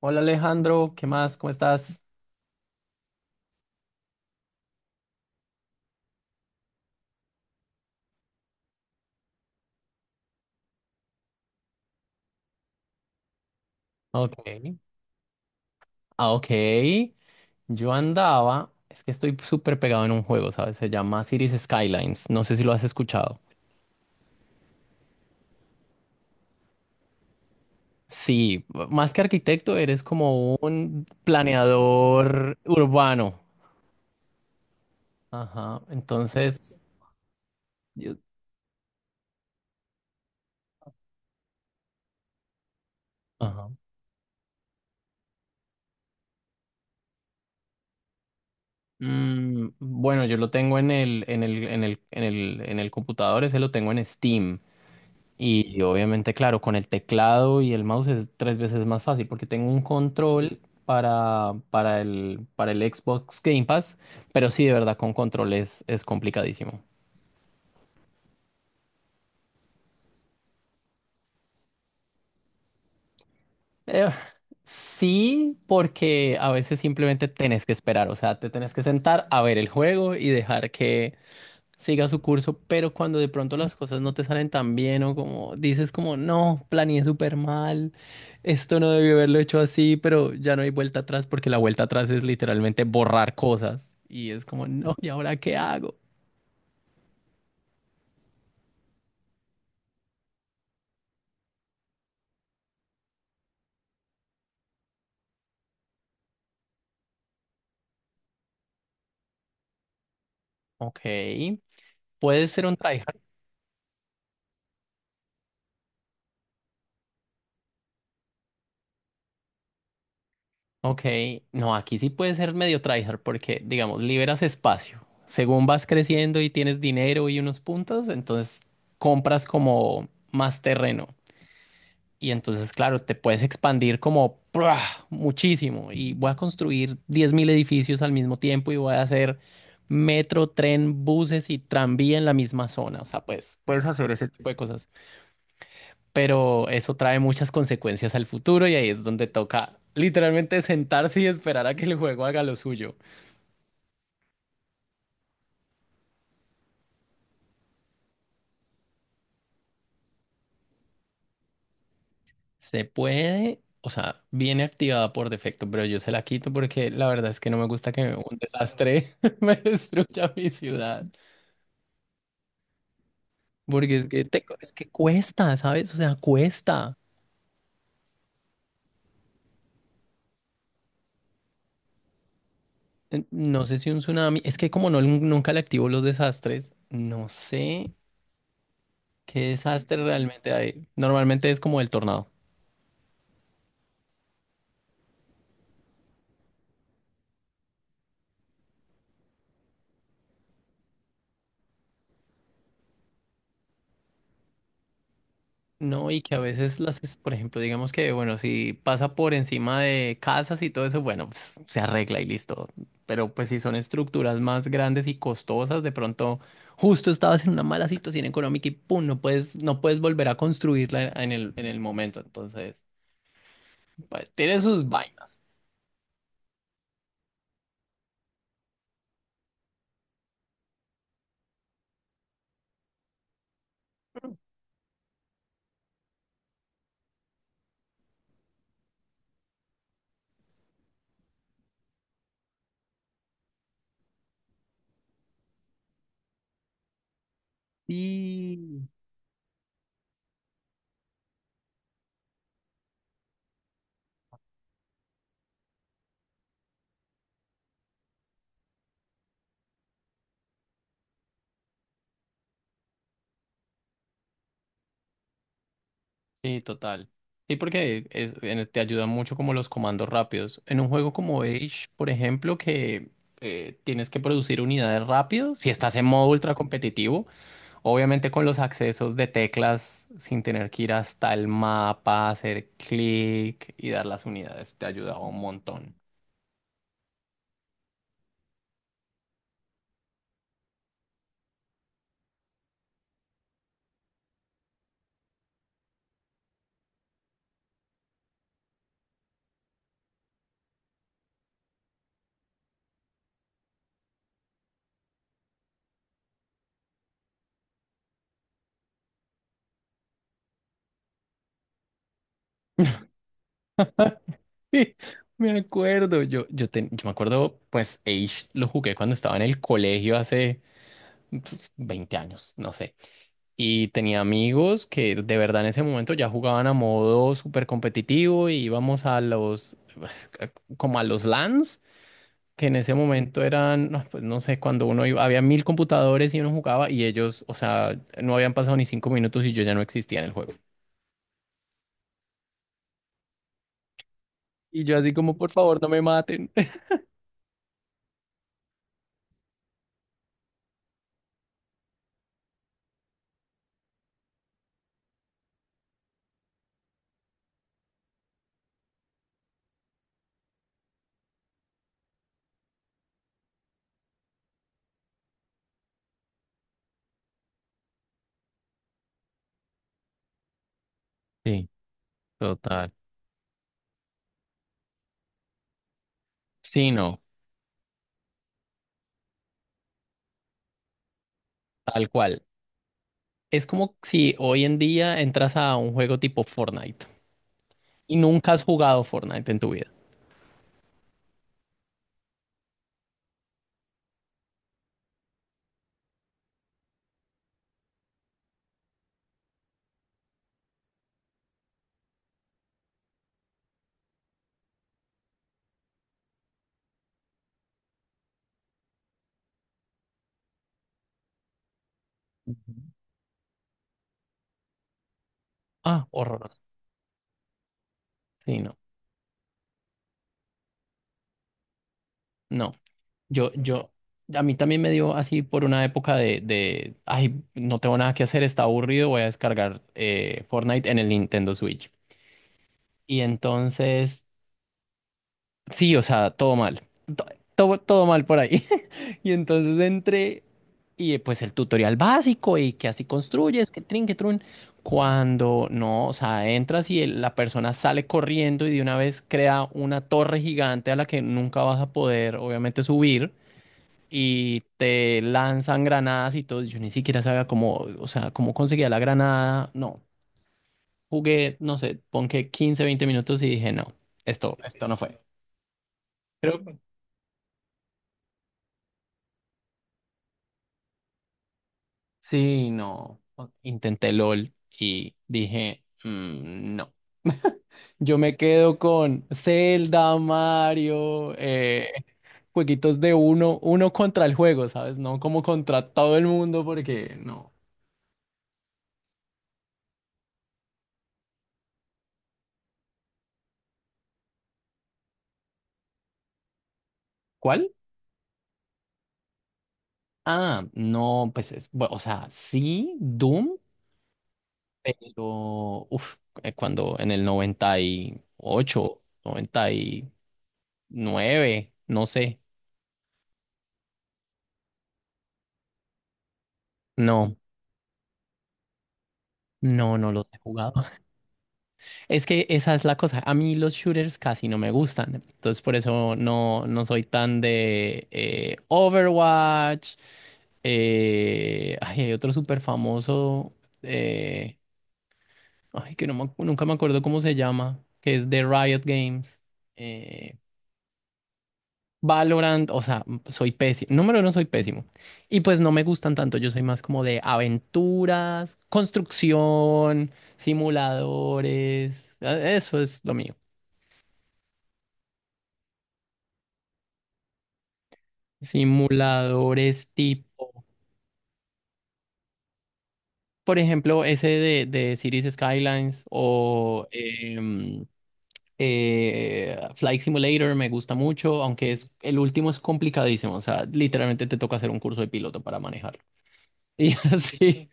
Hola Alejandro, ¿qué más? ¿Cómo estás? Ok, ah, ok. Yo andaba, es que estoy súper pegado en un juego, ¿sabes? Se llama Cities Skylines. No sé si lo has escuchado. Sí, más que arquitecto, eres como un planeador urbano. Ajá, entonces, yo- ajá. Bueno, yo lo tengo en el, en el, en el, en el, en el computador, ese lo tengo en Steam. Y obviamente, claro, con el teclado y el mouse es tres veces más fácil porque tengo un control para, para el Xbox Game Pass, pero sí, de verdad, con control es complicadísimo. Eh, sí, porque a veces simplemente tenés que esperar, o sea, te tenés que sentar a ver el juego y dejar que siga su curso, pero cuando de pronto las cosas no te salen tan bien o como dices como, no, planeé súper mal, esto no debió haberlo hecho así, pero ya no hay vuelta atrás porque la vuelta atrás es literalmente borrar cosas y es como, no, ¿y ahora qué hago? Ok, puede ser un tryhard. Ok, no, aquí sí puede ser medio tryhard porque, digamos, liberas espacio. Según vas creciendo y tienes dinero y unos puntos, entonces compras como más terreno. Y entonces, claro, te puedes expandir como ¡prua! Muchísimo. Y voy a construir 10.000 edificios al mismo tiempo y voy a hacer metro, tren, buses y tranvía en la misma zona. O sea, pues puedes hacer ese tipo de cosas. Pero eso trae muchas consecuencias al futuro y ahí es donde toca literalmente sentarse y esperar a que el juego haga lo suyo. Se puede, o sea, viene activada por defecto, pero yo se la quito porque la verdad es que no me gusta que un desastre me destruya mi ciudad. Porque es que, es que cuesta, ¿sabes? O sea, cuesta. No sé si un tsunami, es que como no, nunca le activo los desastres, no sé qué desastre realmente hay. Normalmente es como el tornado. No, y que a veces las, por ejemplo, digamos que, bueno, si pasa por encima de casas y todo eso, bueno, pues, se arregla y listo. Pero pues si son estructuras más grandes y costosas, de pronto justo estabas en una mala situación económica y pum, no puedes volver a construirla en el momento. Entonces. Pues, tiene sus vainas. Y Sí, total. Sí, porque te ayudan mucho como los comandos rápidos. En un juego como Age, por ejemplo, que tienes que producir unidades rápido, si estás en modo ultra competitivo, obviamente con los accesos de teclas, sin tener que ir hasta el mapa, hacer clic y dar las unidades, te ayudaba un montón. Me acuerdo, yo me acuerdo, pues Age lo jugué cuando estaba en el colegio hace pues, 20 años, no sé. Y tenía amigos que de verdad en ese momento ya jugaban a modo súper competitivo y íbamos a los, como a los LANs, que en ese momento eran, no, pues no sé, cuando uno iba, había mil computadores y uno jugaba y ellos, o sea, no habían pasado ni 5 minutos y yo ya no existía en el juego. Y yo así como, por favor, no me maten. Sí, total. Sí, no, tal cual. Es como si hoy en día entras a un juego tipo Fortnite y nunca has jugado Fortnite en tu vida. Ujú. Ah, horroroso. Sí, no. No. Yo, a mí también me dio así por una época de, ay, no tengo nada que hacer, está aburrido, voy a descargar Fortnite en el Nintendo Switch. Y entonces, sí, o sea, todo mal. Todo mal por ahí. Y entonces entré y pues el tutorial básico y que así construyes, que trin, que trun. Cuando no, o sea, entras y la persona sale corriendo y de una vez crea una torre gigante a la que nunca vas a poder, obviamente, subir. Y te lanzan granadas y todo. Yo ni siquiera sabía cómo, o sea, cómo conseguía la granada. No, jugué, no sé, pon que 15, 20 minutos y dije, no, esto no fue. Creo, Sí, no. Intenté LOL y dije, "Mm, no. Yo me quedo con Zelda, Mario, jueguitos de uno, uno contra el juego, ¿sabes? No como contra todo el mundo, porque no. ¿Cuál? Ah, no, pues es, bueno, o sea, sí, Doom, pero uf, cuando en el 1998, noventa y nueve, no sé. No, no, no los he jugado. Es que esa es la cosa. A mí los shooters casi no me gustan. Entonces por eso no soy tan de Overwatch. Ay, hay otro súper famoso. eh, Ay, que no me nunca me acuerdo cómo se llama. Que es de Riot Games. eh, Valorant. O sea, soy pésimo. Número uno, soy pésimo. Y pues no me gustan tanto. Yo soy más como de aventuras, construcción, simuladores. Eso es lo mío. Simuladores tipo, por ejemplo, ese de Cities Skylines o Flight Simulator me gusta mucho, aunque es, el último es complicadísimo. O sea, literalmente te toca hacer un curso de piloto para manejarlo. Y así.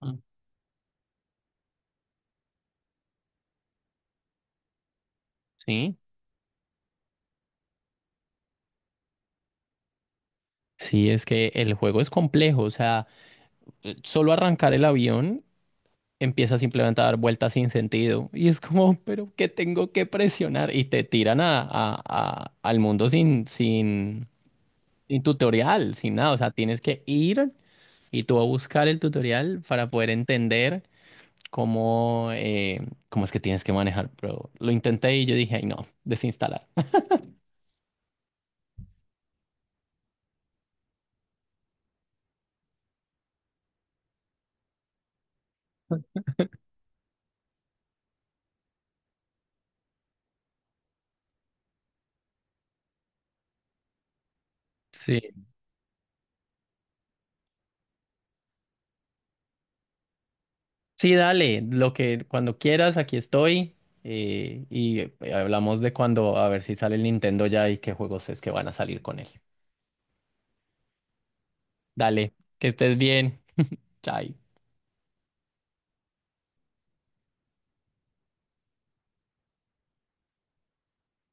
Ah, sí. Sí, es que el juego es complejo. O sea, solo arrancar el avión empieza simplemente a dar vueltas sin sentido. Y es como, pero ¿qué tengo que presionar? Y te tiran a, al mundo sin, sin tutorial, sin nada, o sea, tienes que ir y tú a buscar el tutorial para poder entender cómo, eh, cómo es que tienes que manejar. Pero lo intenté y yo dije, ay, no, desinstalar. Sí. Sí, dale, lo que cuando quieras, aquí estoy. Y hablamos de cuando, a ver si sale el Nintendo ya y qué juegos es que van a salir con él. Dale, que estés bien. Chai.